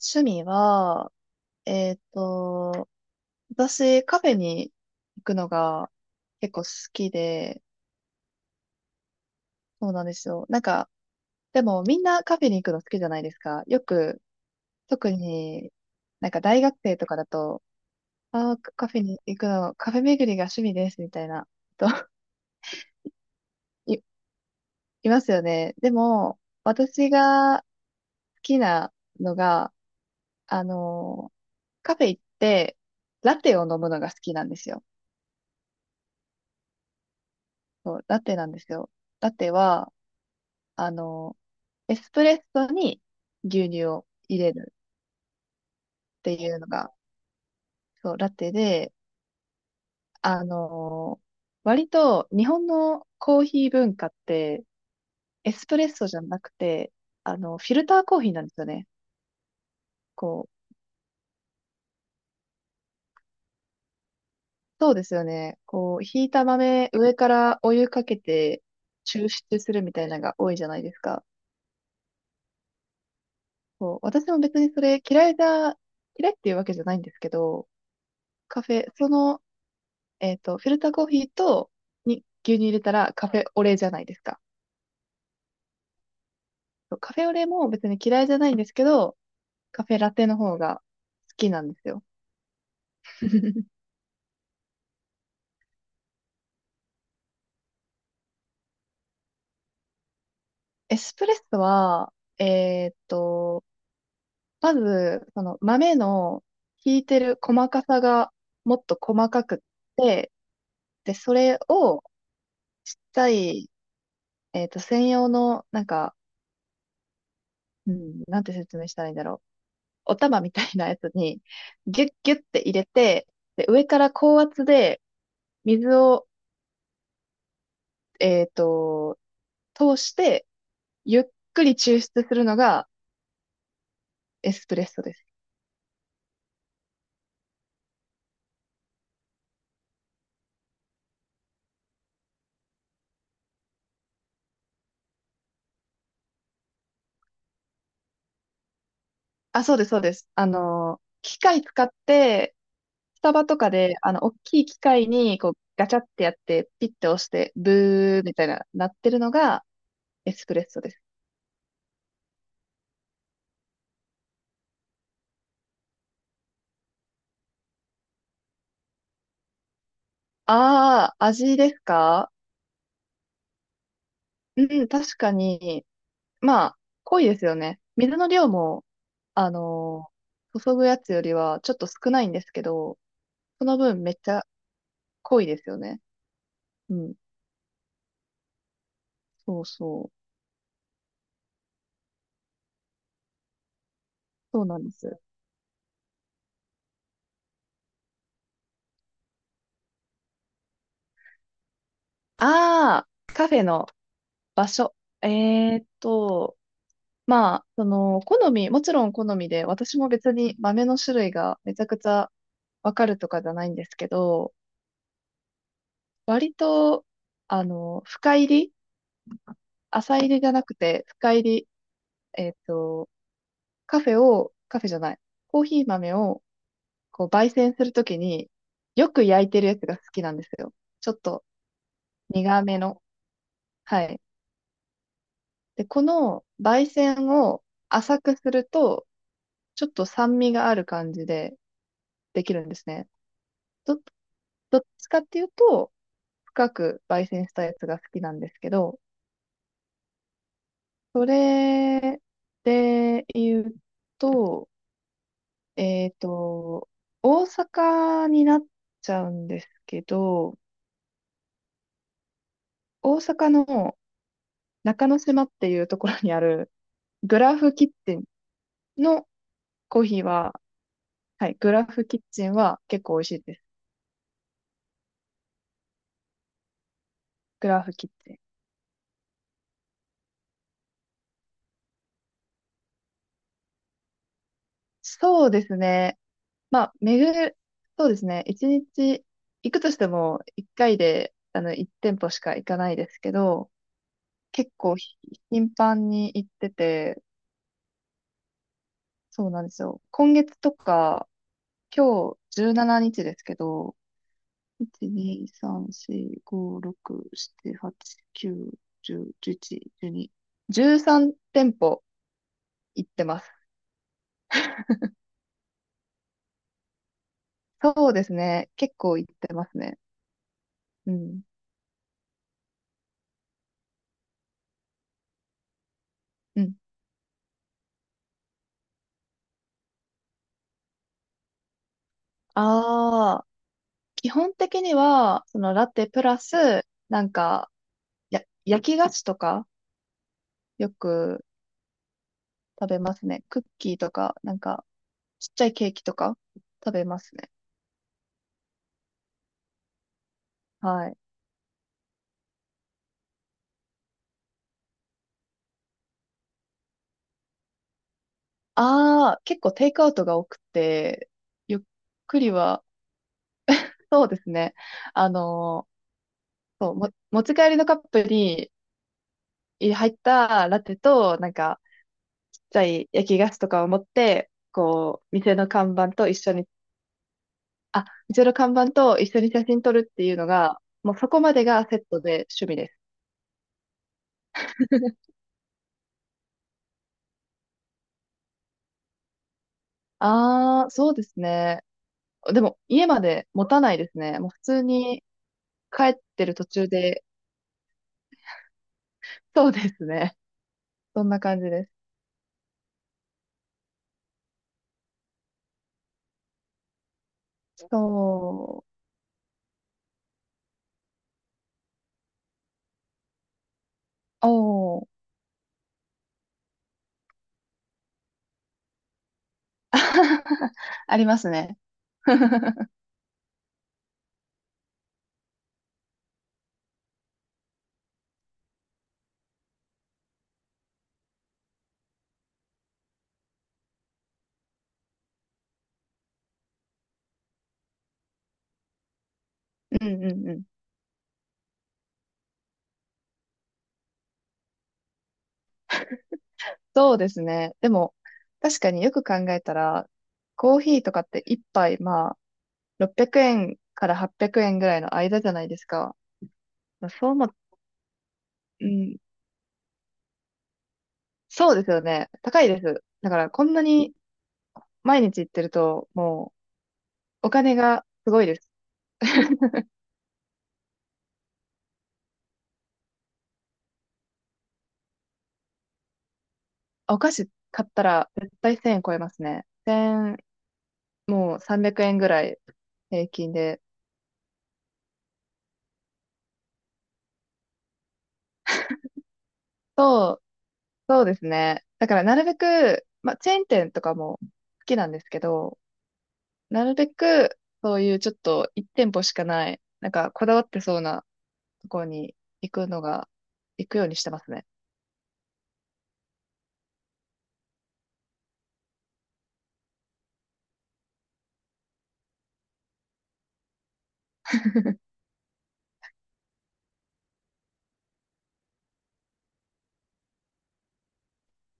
趣味は、えっと、私、カフェに行くのが結構好きで、そうなんですよ。なんか、でもみんなカフェに行くの好きじゃないですか。よく、特になんか大学生とかだと、ああ、カフェに行くの、カフェ巡りが趣味です、みたいな、と、い、いますよね。でも、私が好きなのが、あの、カフェ行って、ラテを飲むのが好きなんですよ。そう、ラテなんですよ。ラテは、あの、エスプレッソに牛乳を入れるっていうのが、そう、ラテで、あの、割と日本のコーヒー文化って、エスプレッソじゃなくて、フィルターコーヒーなんですよね。こう、そうですよね。こう、ひいた豆、上からお湯かけて抽出するみたいなのが多いじゃないですか。そう、私も別にそれ嫌いっていうわけじゃないんですけど、カフェ、そのフィルターコーヒーとに牛乳入れたらカフェオレじゃないですか。そうカフェオレも別に嫌いじゃないんですけど、カフェラテの方が好きなんですよ。エスプレッソは、えっと、まず、その豆の引いてる細かさがもっと細かくって、で、それをちっちゃい、専用の、なんか、うん、なんて説明したらいいんだろう。お玉みたいなやつに、ギュッギュッて入れて、で、上から高圧で、水を、えっと、通して、ゆっくり抽出するのがエスプレッソです。あ、そうです、そうです。機械使って、スタバとかで、大きい機械に、こう、ガチャってやって、ピッて押して、ブーみたいな、なってるのがエスプレッソです。ああ、味ですか？うん、確かに、まあ、濃いですよね。水の量も、あの、注ぐやつよりはちょっと少ないんですけど、その分めっちゃ濃いですよね。うん。そうそう。そうなんです。ああ、カフェの場所。えーっと、まあ、その、好み、もちろん好みで、私も別に豆の種類がめちゃくちゃわかるとかじゃないんですけど、割と、深入り浅入りじゃなくて、深入り、えーっと、カフェを、カフェじゃない、コーヒー豆を、こう、焙煎するときに、よく焼いてるやつが好きなんですよ。ちょっと苦めの。はい。で、この焙煎を浅くすると、ちょっと酸味がある感じでできるんですね。ど、どっちかっていうと、深く焙煎したやつが好きなんですけど、それで言うと、えっと、大阪になっちゃうんですけど、大阪の中之島っていうところにあるグラフキッチンのコーヒーは、はい、グラフキッチンは結構美味しいです。グラフキッチン。そうですね。まあ、そうですね。一日行くとしても、一回で、一店舗しか行かないですけど、結構頻繁に行ってて、そうなんですよ。今月とか、今日17日ですけど、1、2、3、4、5、6、7、8、9、10、11、12、13店舗行ってます。そうですね。結構行ってますね。うん。うん。あ基本的には、そのラテプラス、なんか、焼き菓子とか、よく食べますね。クッキーとか、なんか、ちっちゃいケーキとか、食べますね。はい。ああ、結構テイクアウトが多くて、ゆっくりは、そうですね。あのそう、持ち帰りのカップに入ったラテと、なんか、ちっちゃい焼き菓子とかを持って、こう、店の看板と一緒にあ、うちの看板と一緒に写真撮るっていうのが、もうそこまでがセットで趣味です。ああ、そうですね。でも家まで持たないですね。もう普通に帰ってる途中で、そうですね。そんな感じです。そう。おー、ありますね。うんうんうん。そうですね。でも、確かによく考えたら、コーヒーとかって一杯、まあ、600円から800円ぐらいの間じゃないですか。そうも、うん、そうですよね。高いです。だから、こんなに毎日行ってると、もう、お金がすごいです。お菓子買ったら、絶対1000円超えますね。1もう300円ぐらい平均で。そう、そうですね。だから、なるべく、まあ、チェーン店とかも好きなんですけど、なるべく、そういうちょっと1店舗しかない、なんか、こだわってそうなところに行くのが、行くようにしてますね。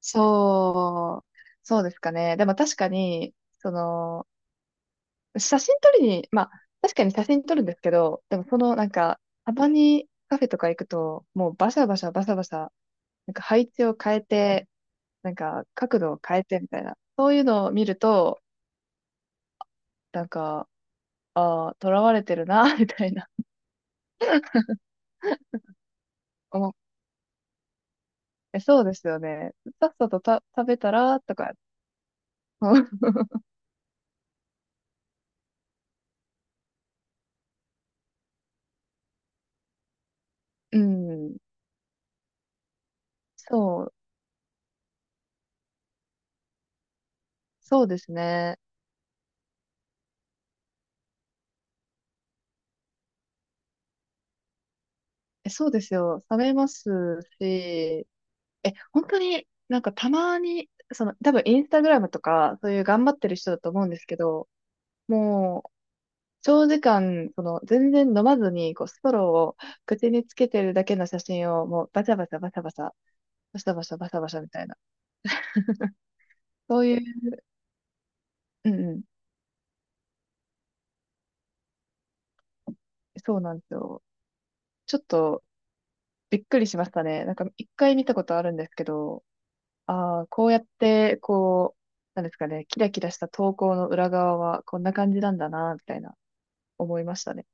そう、そうですかね。でも確かに、その、写真撮りに、まあ、確かに写真撮るんですけど、でもその、なんか、たまにカフェとか行くと、もうバシャバシャバシャバシャ、なんか配置を変えて、なんか角度を変えてみたいな、そういうのを見ると、なんか、あ囚われてるな、みたいな。思うえそうですよね。さっさと食べたら、とか、うん、そう、そうですね。え、そうですよ。冷めますし、本当になんかたまに、その多分インスタグラムとかそういう頑張ってる人だと思うんですけど、もう長時間、その全然飲まずにこうストローを口につけてるだけの写真をもうバシャバシャバシャバシャ、バシャバシャバシャバシャみたいな。そういう、うんうん、そうなんですよ。ちょっとびっくりしましたね。なんか一回見たことあるんですけど、ああ、こうやってこう、なんですかね、キラキラした投稿の裏側はこんな感じなんだな、みたいな思いましたね。